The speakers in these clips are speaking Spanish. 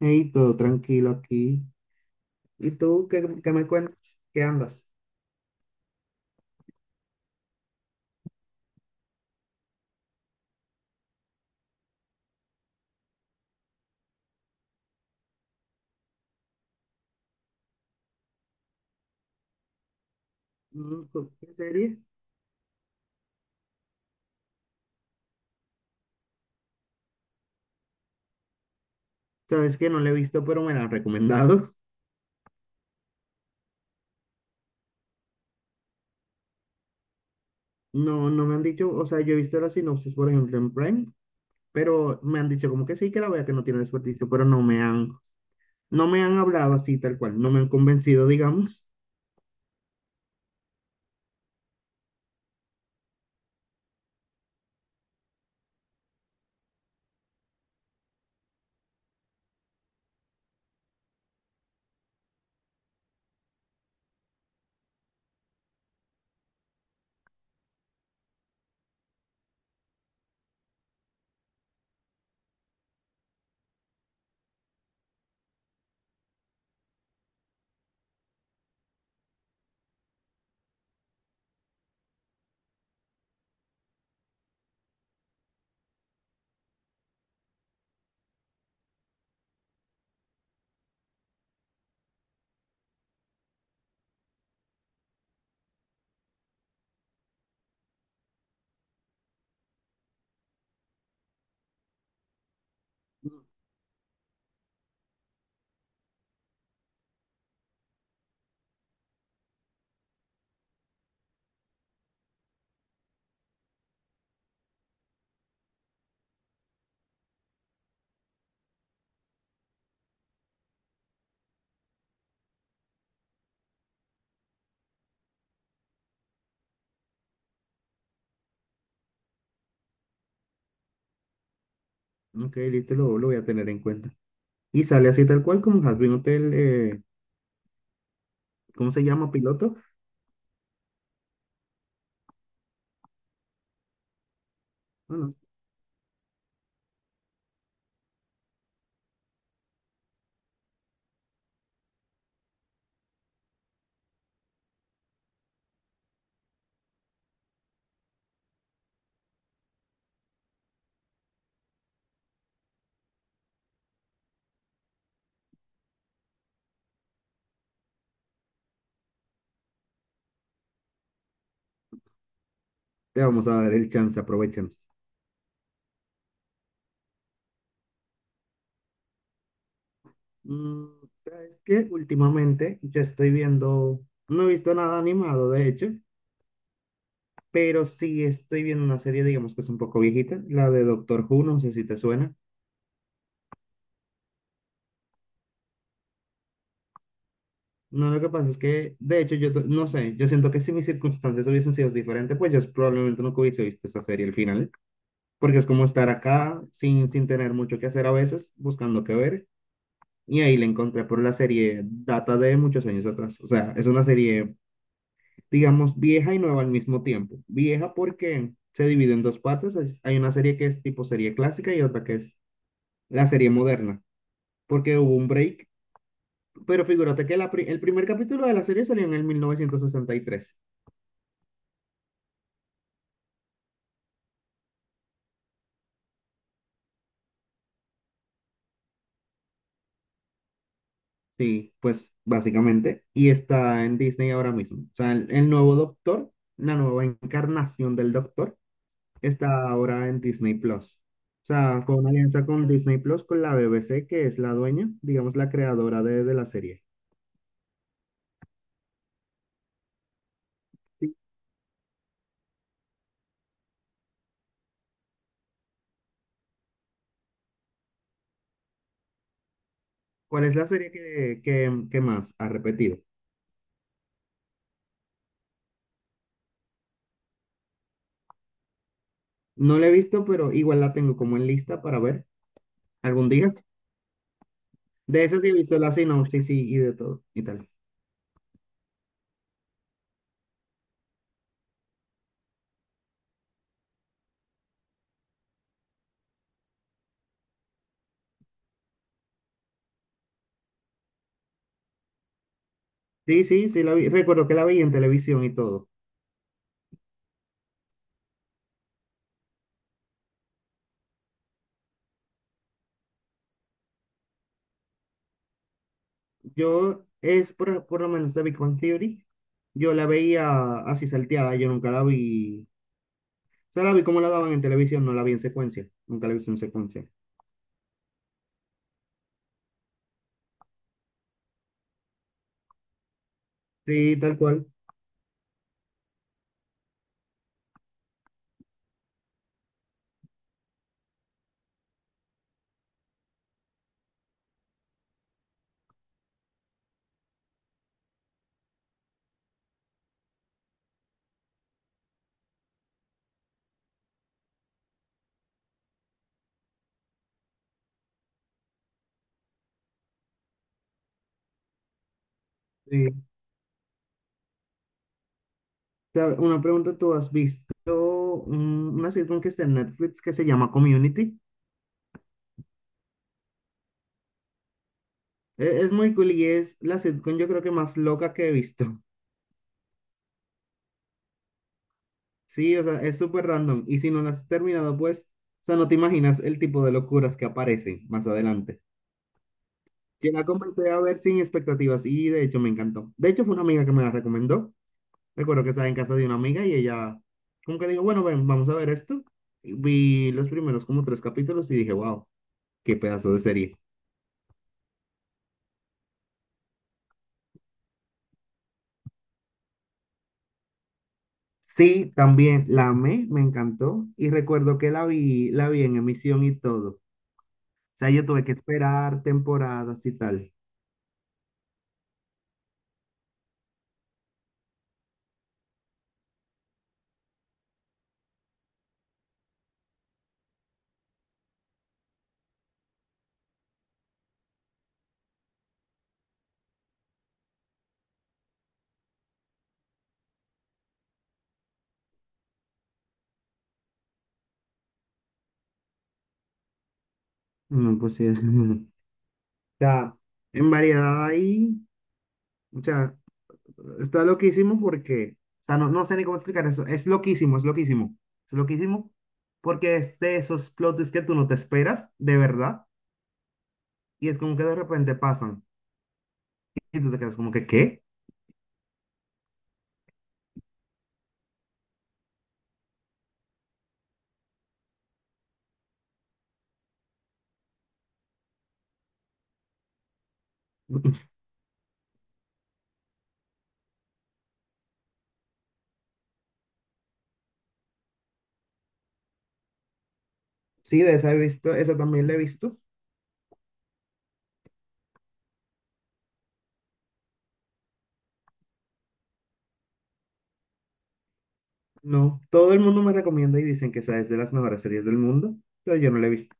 Hey, todo tranquilo aquí. ¿Y tú qué me cuentas? ¿Qué andas? Mm, ¿con ¿Qué serie? Sabes que no la he visto, pero me la han recomendado. No me han dicho, o sea, yo he visto la sinopsis, por ejemplo, en Prime, pero me han dicho como que sí, que la vea, que no tiene desperdicio, pero no me han hablado así tal cual, no me han convencido, digamos. Ok, listo, lo voy a tener en cuenta. Y sale así tal cual como Has Been Hotel, ¿cómo se llama? Piloto. Bueno, te vamos a dar el chance, aprovechemos. Mm, es que últimamente yo estoy viendo, no he visto nada animado, de hecho, pero sí estoy viendo una serie, digamos que es un poco viejita, la de Doctor Who, no sé si te suena. No, lo que pasa es que, de hecho, no sé, yo siento que si mis circunstancias hubiesen sido diferentes, pues yo probablemente nunca hubiese visto esa serie al final, porque es como estar acá sin tener mucho que hacer a veces, buscando qué ver, y ahí la encontré por la serie, data de muchos años atrás, o sea, es una serie digamos, vieja y nueva al mismo tiempo. Vieja porque se divide en dos partes. Hay una serie que es tipo serie clásica y otra que es la serie moderna, porque hubo un break. Pero figúrate que el primer capítulo de la serie salió en el mil novecientos sesenta y tres. Sí, pues básicamente. Y está en Disney ahora mismo. O sea, el nuevo Doctor, la nueva encarnación del Doctor, está ahora en Disney Plus. O sea, con una alianza con Disney Plus, con la BBC, que es la dueña, digamos, la creadora de la serie. ¿Cuál es la serie que más ha repetido? No la he visto, pero igual la tengo como en lista para ver algún día. De esa sí he visto la sinopsis y de todo y tal. Sí, sí, sí, la vi. Recuerdo que la vi en televisión y todo. Yo es por lo menos de Big Bang Theory. Yo la veía así salteada, yo nunca la vi. O sea, la vi como la daban en televisión, no la vi en secuencia. Nunca la he visto en secuencia. Sí, tal cual. Sí. Una pregunta, ¿tú has visto una sitcom que está en Netflix que se llama Community? Es muy cool y es la sitcom yo creo que más loca que he visto. Sí, o sea, es súper random. Y si no la has terminado, pues, o sea, no te imaginas el tipo de locuras que aparecen más adelante. Yo la comencé a ver sin expectativas y de hecho me encantó. De hecho fue una amiga que me la recomendó. Recuerdo que estaba en casa de una amiga y ella como que dijo, bueno, ven, vamos a ver esto. Y vi los primeros como tres capítulos y dije, wow, qué pedazo de serie. Sí, también la amé, me encantó y recuerdo que la vi en emisión y todo. O sea, yo tuve que esperar temporadas y tal. No, pues sí, es. O sea, en variedad ahí, o sea, está loquísimo porque, o sea, no, no sé ni cómo explicar eso. Es loquísimo, es loquísimo. Es loquísimo porque es de esos plot twists que tú no te esperas, de verdad, y es como que de repente pasan y tú te quedas como que, ¿qué? Sí, de esa he visto, esa también la he visto. No, todo el mundo me recomienda y dicen que esa es de las mejores series del mundo, pero yo no la he visto.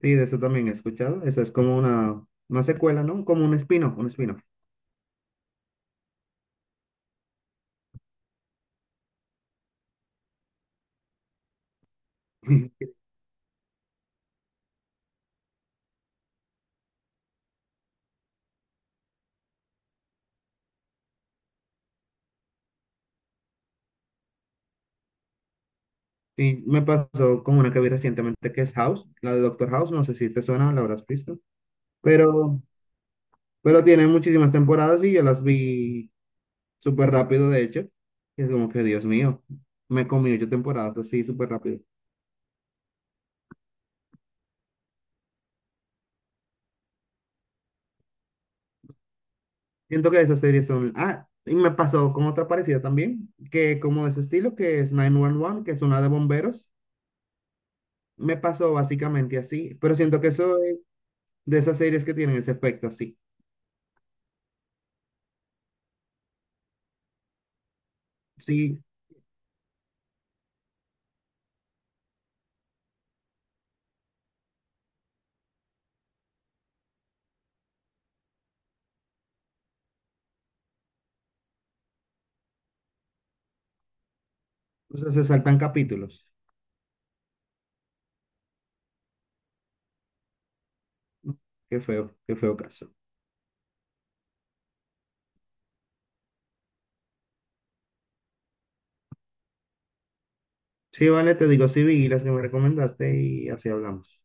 Sí, de eso también he escuchado. Eso es como una secuela, ¿no? Como un espino. Y me pasó con una que vi recientemente que es House, la de Doctor House. No sé si te suena, la habrás visto. Pero, pero tiene muchísimas temporadas y yo las vi súper rápido, de hecho. Y es como que, Dios mío, me comí ocho temporadas así súper rápido. Siento que esas series son... Ah, y me pasó con otra parecida también, que como de ese estilo, que es 911, que es una de bomberos. Me pasó básicamente así, pero siento que eso de esas series que tienen ese efecto así. Sí, o sea, se saltan capítulos. Qué feo caso. Sí, vale, te digo, sí vi las que me recomendaste y así hablamos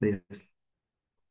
de ellas.